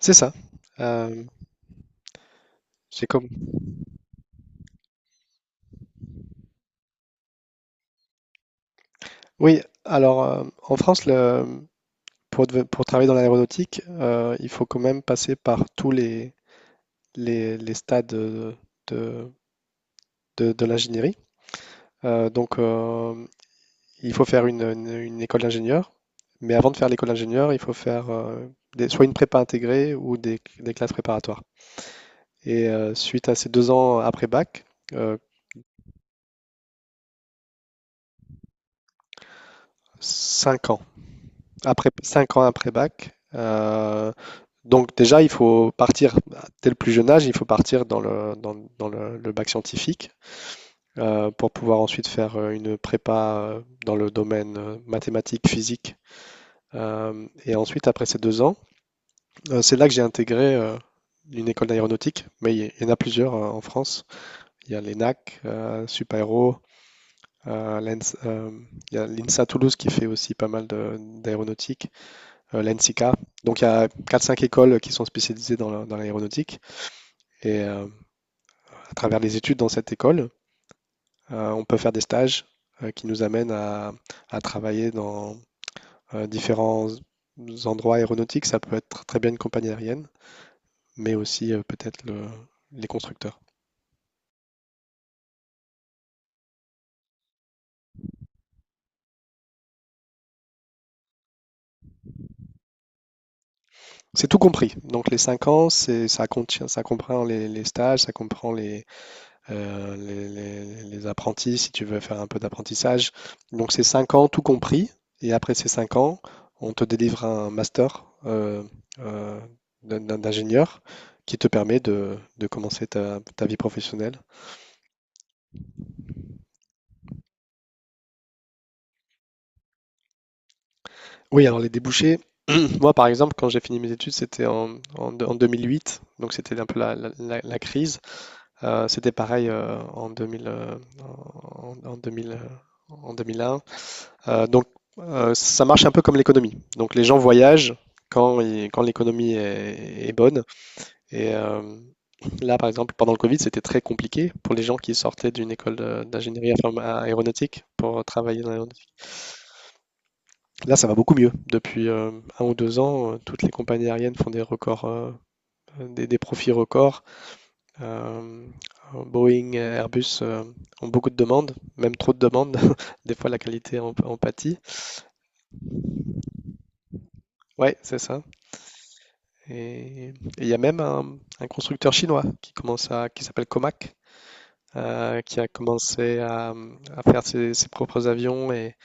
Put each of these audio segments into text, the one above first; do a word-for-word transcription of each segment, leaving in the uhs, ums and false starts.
C'est ça. Euh, c'est comme. Oui, alors, euh, en France, le, pour, deve- pour travailler dans l'aéronautique, euh, il faut quand même passer par tous les, les, les stades de, de, de- de l'ingénierie. Euh, donc, euh, il faut faire une, une- une école d'ingénieur, mais avant de faire l'école d'ingénieur, il faut faire, euh, des- soit une prépa intégrée ou des, des classes préparatoires. Et euh, suite à ces deux ans après bac, euh, cinq ans après, cinq ans après bac. Euh, Donc déjà, il faut partir, dès le plus jeune âge, il faut partir dans le, dans, dans le, le bac scientifique, euh, pour pouvoir ensuite faire euh, une prépa, euh, dans le domaine, euh, mathématiques, physique. Euh, et ensuite, après ces deux ans, euh, c'est là que j'ai intégré euh, une école d'aéronautique, mais il y en a plusieurs, euh, en France. Il y a l'ENAC, euh, Supaéro, euh, euh, il y a l'INSA Toulouse, qui fait aussi pas mal d'aéronautique, euh, l'ENSICA. Donc il y a quatre, cinq écoles qui sont spécialisées dans dans l'aéronautique. Et, euh, à travers les études dans cette école. Euh, on peut faire des stages euh, qui nous amènent à, à travailler dans euh, différents endroits aéronautiques. Ça peut être très bien une compagnie aérienne, mais aussi euh, peut-être le- les constructeurs. C'est tout compris. Donc les cinq ans, c'est, ça contient, ça comprend les, les stages, ça comprend les, euh, les, les- les apprentis, si tu veux faire un peu d'apprentissage. Donc c'est cinq ans tout compris, et après ces cinq ans, on te délivre un master, euh, euh, d'un- d'un- d'ingénieur, qui te permet de, de commencer ta, ta vie professionnelle. Oui, alors les débouchés, moi par exemple, quand j'ai fini mes études, c'était en, en, en deux mille huit. Donc c'était un peu la, la- la- la crise. Euh, c'était pareil, euh, en deux mille, euh, en, en- en deux mille, euh, en deux mille un. Euh, donc, euh, ça marche un peu comme l'économie. Donc, les gens voyagent quand, ils- quand l'économie est, est bonne. Et euh, là, par exemple, pendant le Covid, c'était très compliqué pour les gens qui sortaient d'une école de- d'ingénierie inform- à- aéronautique, pour travailler dans l'aéronautique. Là, ça va beaucoup mieux. Depuis euh, un ou deux ans, euh, toutes les compagnies aériennes font des records, euh, des, des profits records. Euh, Boeing, Airbus euh, ont beaucoup de demandes, même trop de demandes. Des fois, la qualité en, en pâtit. Ouais, c'est ça. Et et il y a même un, un constructeur chinois, qui commence à, qui s'appelle Comac, euh, qui a commencé à, à faire ses, ses propres avions. Et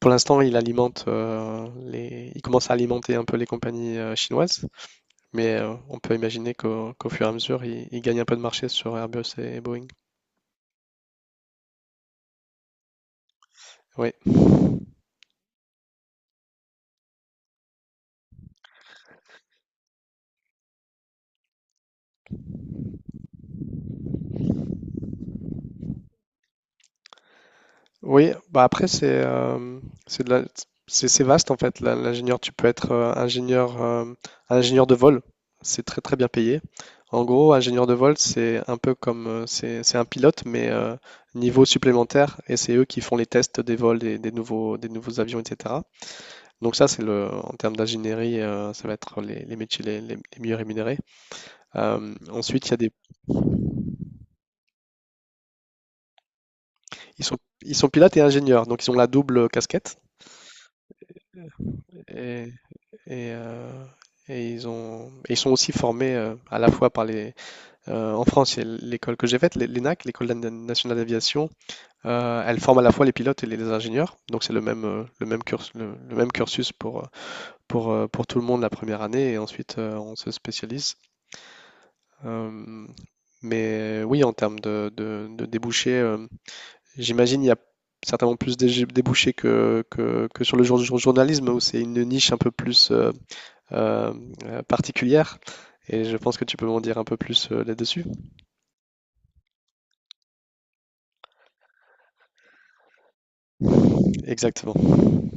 pour l'instant, il alimente euh, les, il commence à alimenter un peu les compagnies euh, chinoises. Mais euh, on peut imaginer qu'au qu'au fur et à mesure, il, il gagne un peu de marché sur Airbus et Boeing. Oui. Oui, bah après c'est euh, c'est de la- c'est c'est vaste en fait. la- L'ingénieur, tu peux être euh, ingénieur, euh, ingénieur de vol. C'est très très bien payé. En gros, ingénieur de vol, c'est un peu comme euh, c'est c'est un pilote, mais euh, niveau supplémentaire, et c'est eux qui font les tests des vols des, des nouveaux des nouveaux avions, et cetera. Donc ça c'est le en termes d'ingénierie, euh, ça va être les, les métiers les, les- les mieux rémunérés. Euh, ensuite il y a des ils sont ils sont pilotes et ingénieurs, donc ils ont la double casquette. Et, euh, et ils ont, et ils sont aussi formés, euh, à la fois, par les. Euh, en France, il y a l'école que j'ai faite, l'E- l'ENAC, l'École na- nationale d'aviation. euh, elle forme à la fois les pilotes et les les ingénieurs. Donc c'est le même, euh, le même cursus, le, le même cursus pour, euh, pour, euh, pour tout le monde la première année. Et ensuite, euh, on se spécialise. Euh, mais oui, en termes de, de, de débouchés, euh, j'imagine il y a certainement plus de débouchés que, que, que sur le jour, jour- journalisme, où c'est une niche un peu plus euh, euh, euh, particulière. Et je pense que tu peux m'en dire un peu plus euh, là-dessus. Exactement.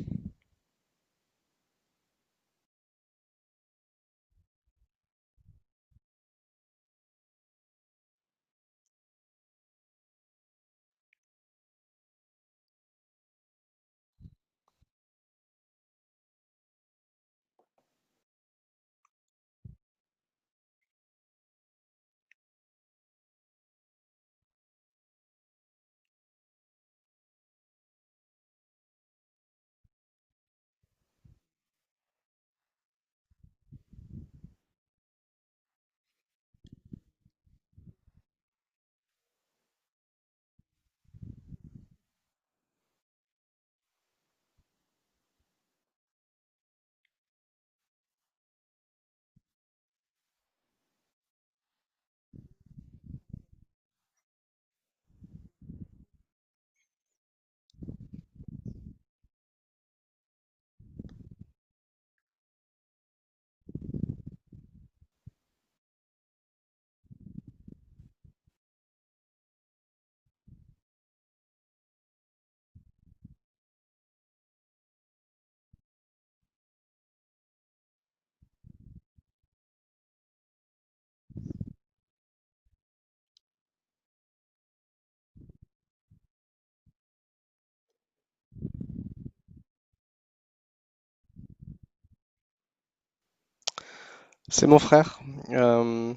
C'est mon frère. Euh,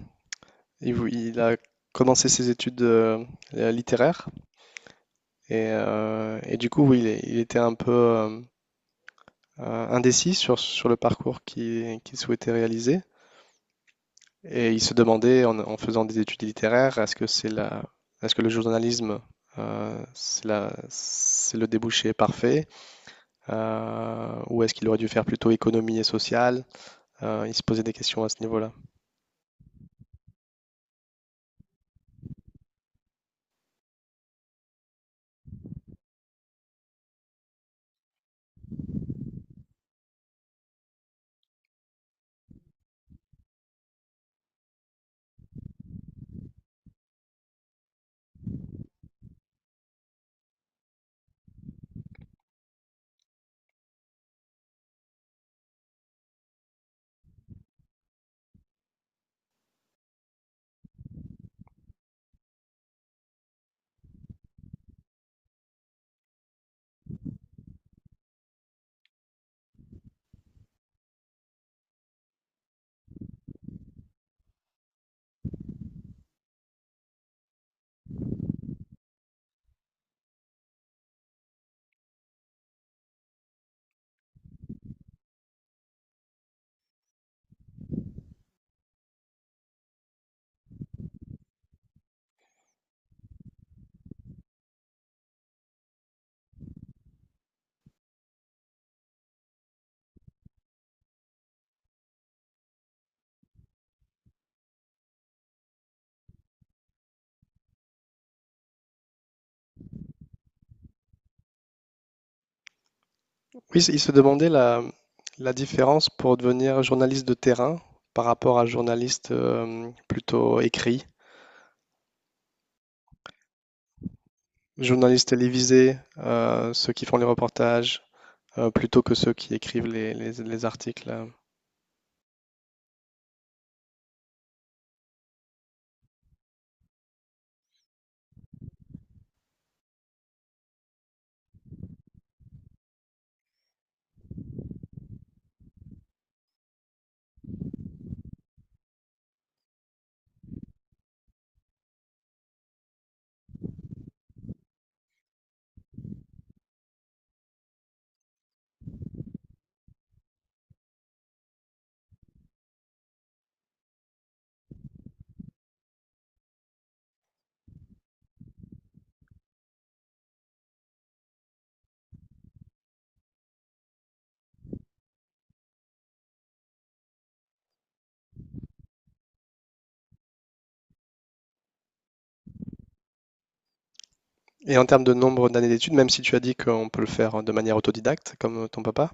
il, il a commencé ses études euh, littéraires, et, euh, et du coup, oui, il, est- il était un peu euh, euh, indécis sur, sur le parcours qu'il qu'il souhaitait réaliser. Et il se demandait, en, en faisant des études littéraires, est-ce que c'est la, est-ce que le journalisme, euh, c'est la, c'est le débouché parfait? euh, ou est-ce qu'il aurait dû faire plutôt économie et sociale. Euh, Il se posait des questions à ce niveau-là. Oui, il se demandait la, la différence pour devenir journaliste de terrain par rapport à journaliste euh, plutôt écrit, journaliste télévisé, euh, ceux qui font les reportages, euh, plutôt que ceux qui écrivent les, les- les articles. Et en termes de nombre d'années d'études, même si tu as dit qu'on peut le faire de manière autodidacte, comme ton papa,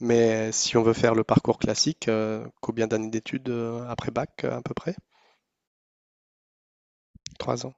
mais si on veut faire le parcours classique, euh, combien d'années d'études euh, après bac, à peu près? Trois ans.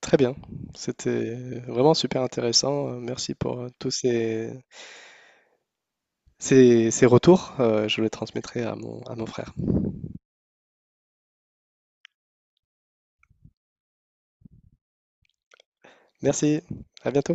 Très bien, c'était vraiment super intéressant. Heu, merci pour, heu, tous ces ces ces retours. Heu, je les transmettrai à mon à mon frère. Merci, à bientôt.